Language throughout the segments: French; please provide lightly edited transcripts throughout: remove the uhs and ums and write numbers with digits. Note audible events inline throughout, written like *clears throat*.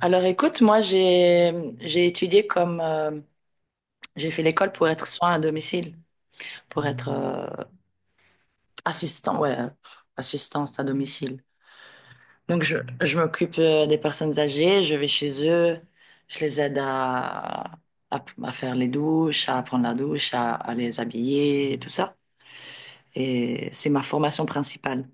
Alors écoute, moi j'ai étudié comme j'ai fait l'école pour être soin à domicile, pour être assistant, ouais, assistance à domicile. Donc je, je m'occupe des personnes âgées, je vais chez eux, je les aide à faire les douches, à prendre la douche, à les habiller et tout ça. Et c'est ma formation principale.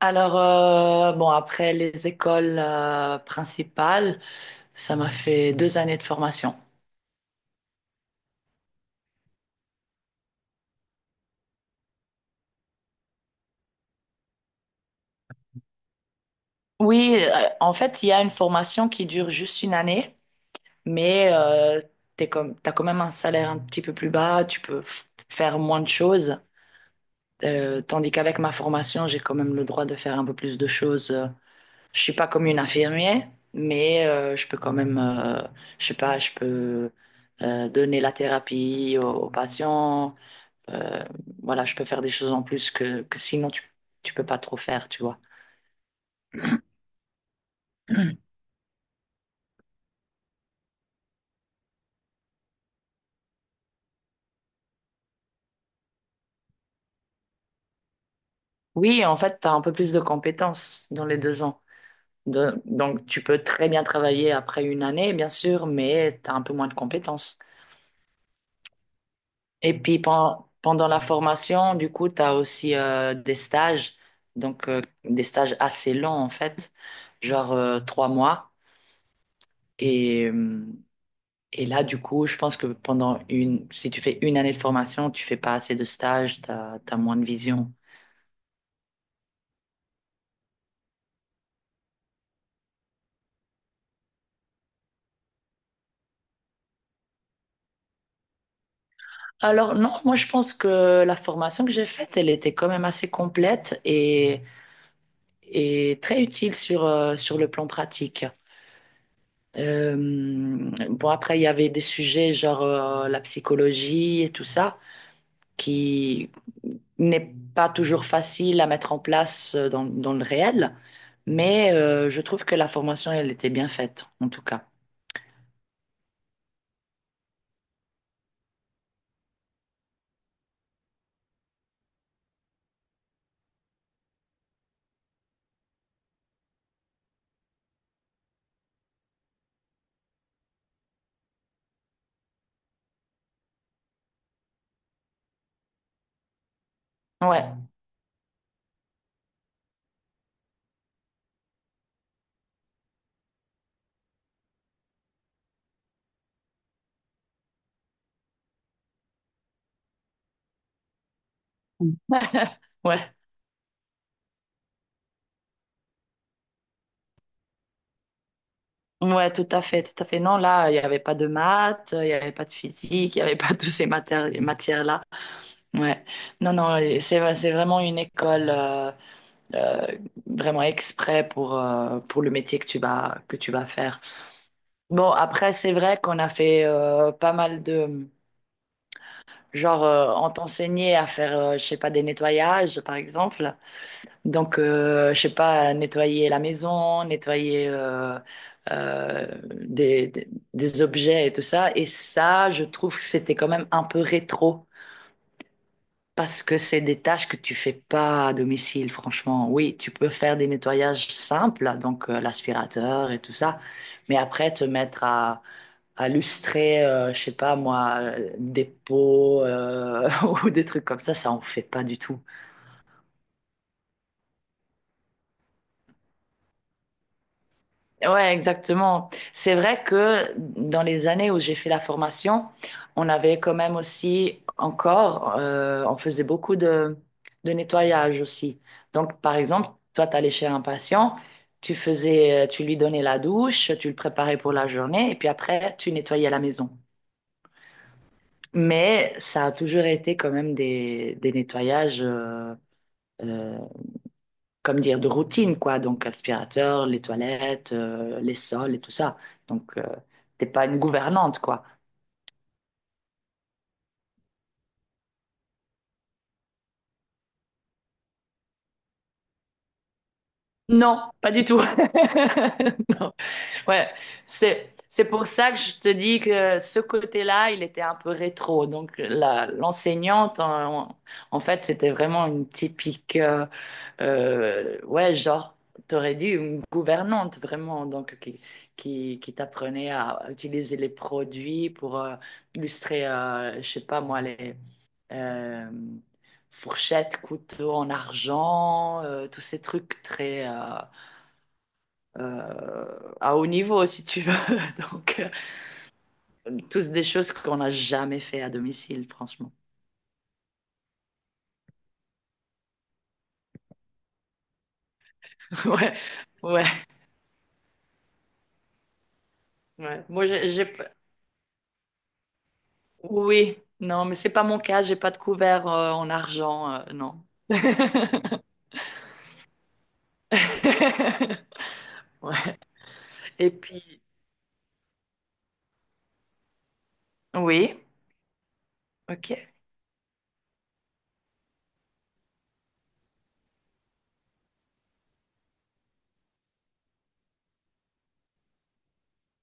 Bon, après les écoles principales, ça m'a fait deux années de formation. Oui, en fait, il y a une formation qui dure juste une année, mais t'es comme, t'as quand même un salaire un petit peu plus bas, tu peux faire moins de choses. Tandis qu'avec ma formation, j'ai quand même le droit de faire un peu plus de choses. Je suis pas comme une infirmière, mais je peux quand même, je sais pas, je peux donner la thérapie aux patients. Euh, voilà, je peux faire des choses en plus que sinon tu peux pas trop faire, tu vois. Oui, en fait, tu as un peu plus de compétences dans les deux ans. Donc, tu peux très bien travailler après une année, bien sûr, mais tu as un peu moins de compétences. Et puis, pendant la formation, du coup, tu as aussi des stages, donc des stages assez longs, en fait, genre trois mois. Et, euh, et là, du coup, je pense que si tu fais une année de formation, tu fais pas assez de stages, tu as moins de vision. Alors non, moi je pense que la formation que j'ai faite, elle était quand même assez complète et très utile sur le plan pratique. Euh, bon, après, il y avait des sujets genre la psychologie et tout ça, qui n'est pas toujours facile à mettre en place dans le réel, mais je trouve que la formation, elle était bien faite, en tout cas. Ouais. *laughs* Ouais, ouais, tout à fait, tout à fait. Non, là, il n'y avait pas de maths, il n'y avait pas de physique, il n'y avait pas *laughs* toutes ces matières-là. Ouais, non, non, c'est vraiment une école. Euh, Vraiment exprès pour le métier que tu vas faire. Bon, après, c'est vrai qu'on a fait pas mal de... Genre, on t'enseignait à faire, je sais pas, des nettoyages, par exemple. Donc, je sais pas, nettoyer la maison, nettoyer euh, des, des, des objets et tout ça. Et ça, je trouve que c'était quand même un peu rétro. Parce que c'est des tâches que tu fais pas à domicile, franchement. Oui, tu peux faire des nettoyages simples, donc l'aspirateur et tout ça, mais après te mettre à lustrer, je sais pas moi, des pots *laughs* ou des trucs comme ça on fait pas du tout. Ouais, exactement. C'est vrai que dans les années où j'ai fait la formation, on avait quand même aussi encore, on faisait beaucoup de nettoyage aussi. Donc, par exemple, toi, tu allais chez un patient, tu faisais, tu lui donnais la douche, tu le préparais pour la journée, et puis après, tu nettoyais la maison. Mais ça a toujours été quand même des nettoyages euh, comme dire, de routine, quoi. Donc, l'aspirateur, les toilettes, les sols et tout ça. Donc, t'es pas une gouvernante, quoi. Non, pas du tout. *laughs* Non. Ouais, c'est pour ça que je te dis que ce côté-là, il était un peu rétro. Donc, l'enseignante, en fait, c'était vraiment une typique. Ouais, genre, t'aurais dit une gouvernante vraiment, qui t'apprenait à utiliser les produits pour illustrer, je sais pas moi, les euh, fourchettes, couteaux en argent, tous ces trucs très à haut niveau, si tu veux. *laughs* Donc, tous des choses qu'on n'a jamais fait à domicile, franchement. *laughs* Ouais, ouais, ouais. Oui, non, mais c'est pas mon cas, j'ai pas de couvert en argent, non. *laughs* Ouais. Et puis, oui, ok.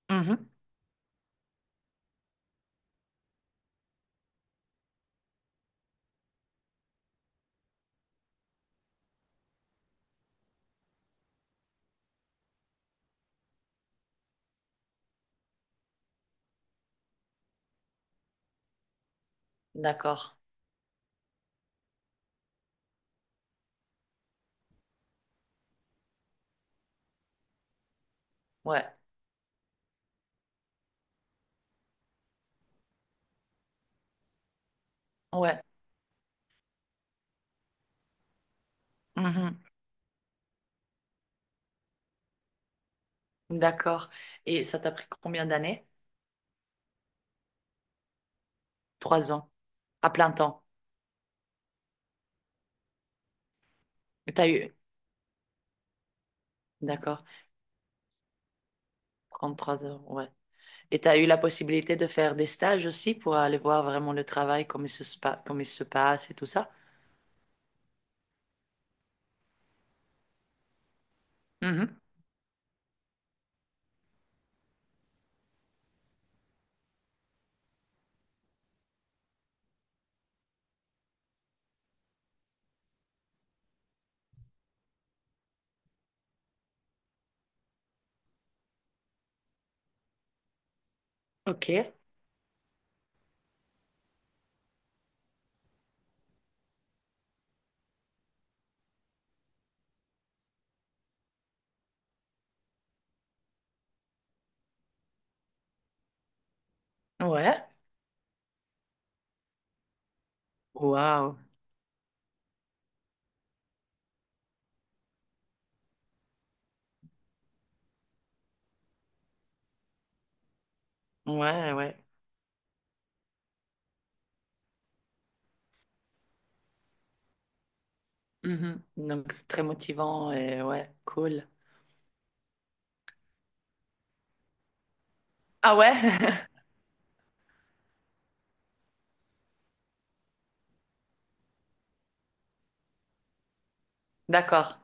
Mhm. D'accord. Ouais, ouais. Mhm. D'accord. Et ça t'a pris combien d'années? Trois ans. À plein temps. Et t'as eu. D'accord. Trente-trois heures, ouais. Et t'as eu la possibilité de faire des stages aussi pour aller voir vraiment le travail, comment il se passe et tout ça? Mhm. Ok. Ouais. Waouh. Ouais, ouais. Mhm. Donc c'est très motivant et ouais, cool. Ah ouais? *laughs* D'accord.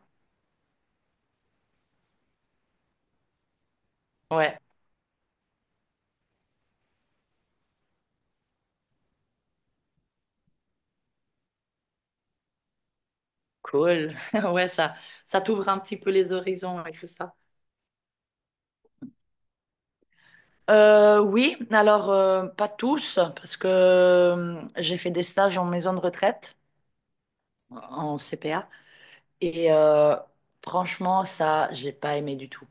Ouais, cool. *laughs* Ouais, ça t'ouvre un petit peu les horizons et tout ça. Oui, alors pas tous, parce que j'ai fait des stages en maison de retraite, en CPA, et franchement, ça, j'ai pas aimé du tout.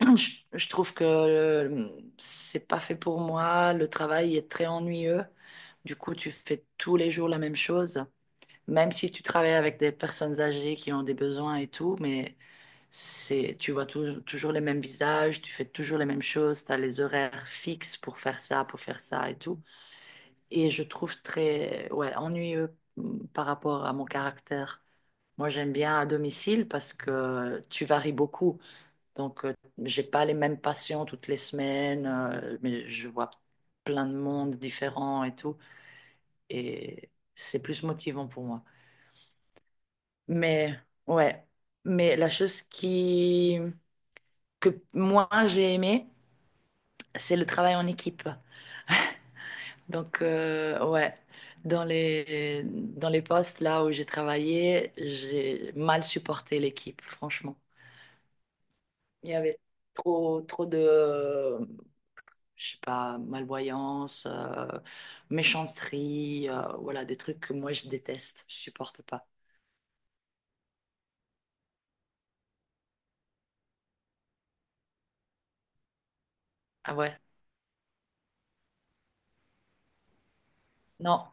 *clears throat* Je, je trouve que c'est pas fait pour moi, le travail est très ennuyeux, du coup, tu fais tous les jours la même chose. Même si tu travailles avec des personnes âgées qui ont des besoins et tout, mais c'est, tu vois toujours les mêmes visages, tu fais toujours les mêmes choses, tu as les horaires fixes pour faire ça et tout. Et je trouve très, ouais, ennuyeux, par rapport à mon caractère. Moi, j'aime bien à domicile parce que tu varies beaucoup. Donc, j'ai pas les mêmes patients toutes les semaines, mais je vois plein de monde différents et tout. Et c'est plus motivant pour moi. Mais ouais, mais la chose qui que moi j'ai aimé, c'est le travail en équipe. Donc ouais, dans les postes là où j'ai travaillé, j'ai mal supporté l'équipe, franchement. Il y avait trop de je sais pas, malvoyance, méchanceté, voilà des trucs que moi je déteste, je supporte pas. Ah ouais. Non.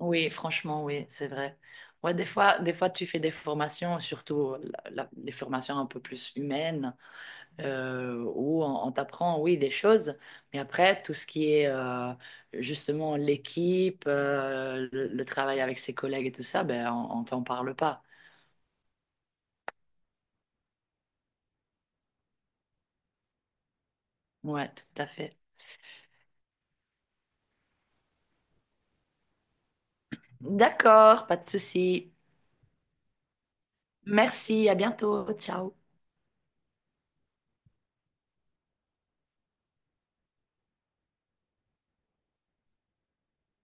Oui, franchement, oui, c'est vrai. Ouais, des fois, tu fais des formations, surtout les formations un peu plus humaines, où on t'apprend, oui, des choses, mais après, tout ce qui est justement l'équipe, euh, le travail avec ses collègues et tout ça, ben, on t'en parle pas. Ouais, tout à fait. D'accord, pas de souci. Merci, à bientôt, ciao.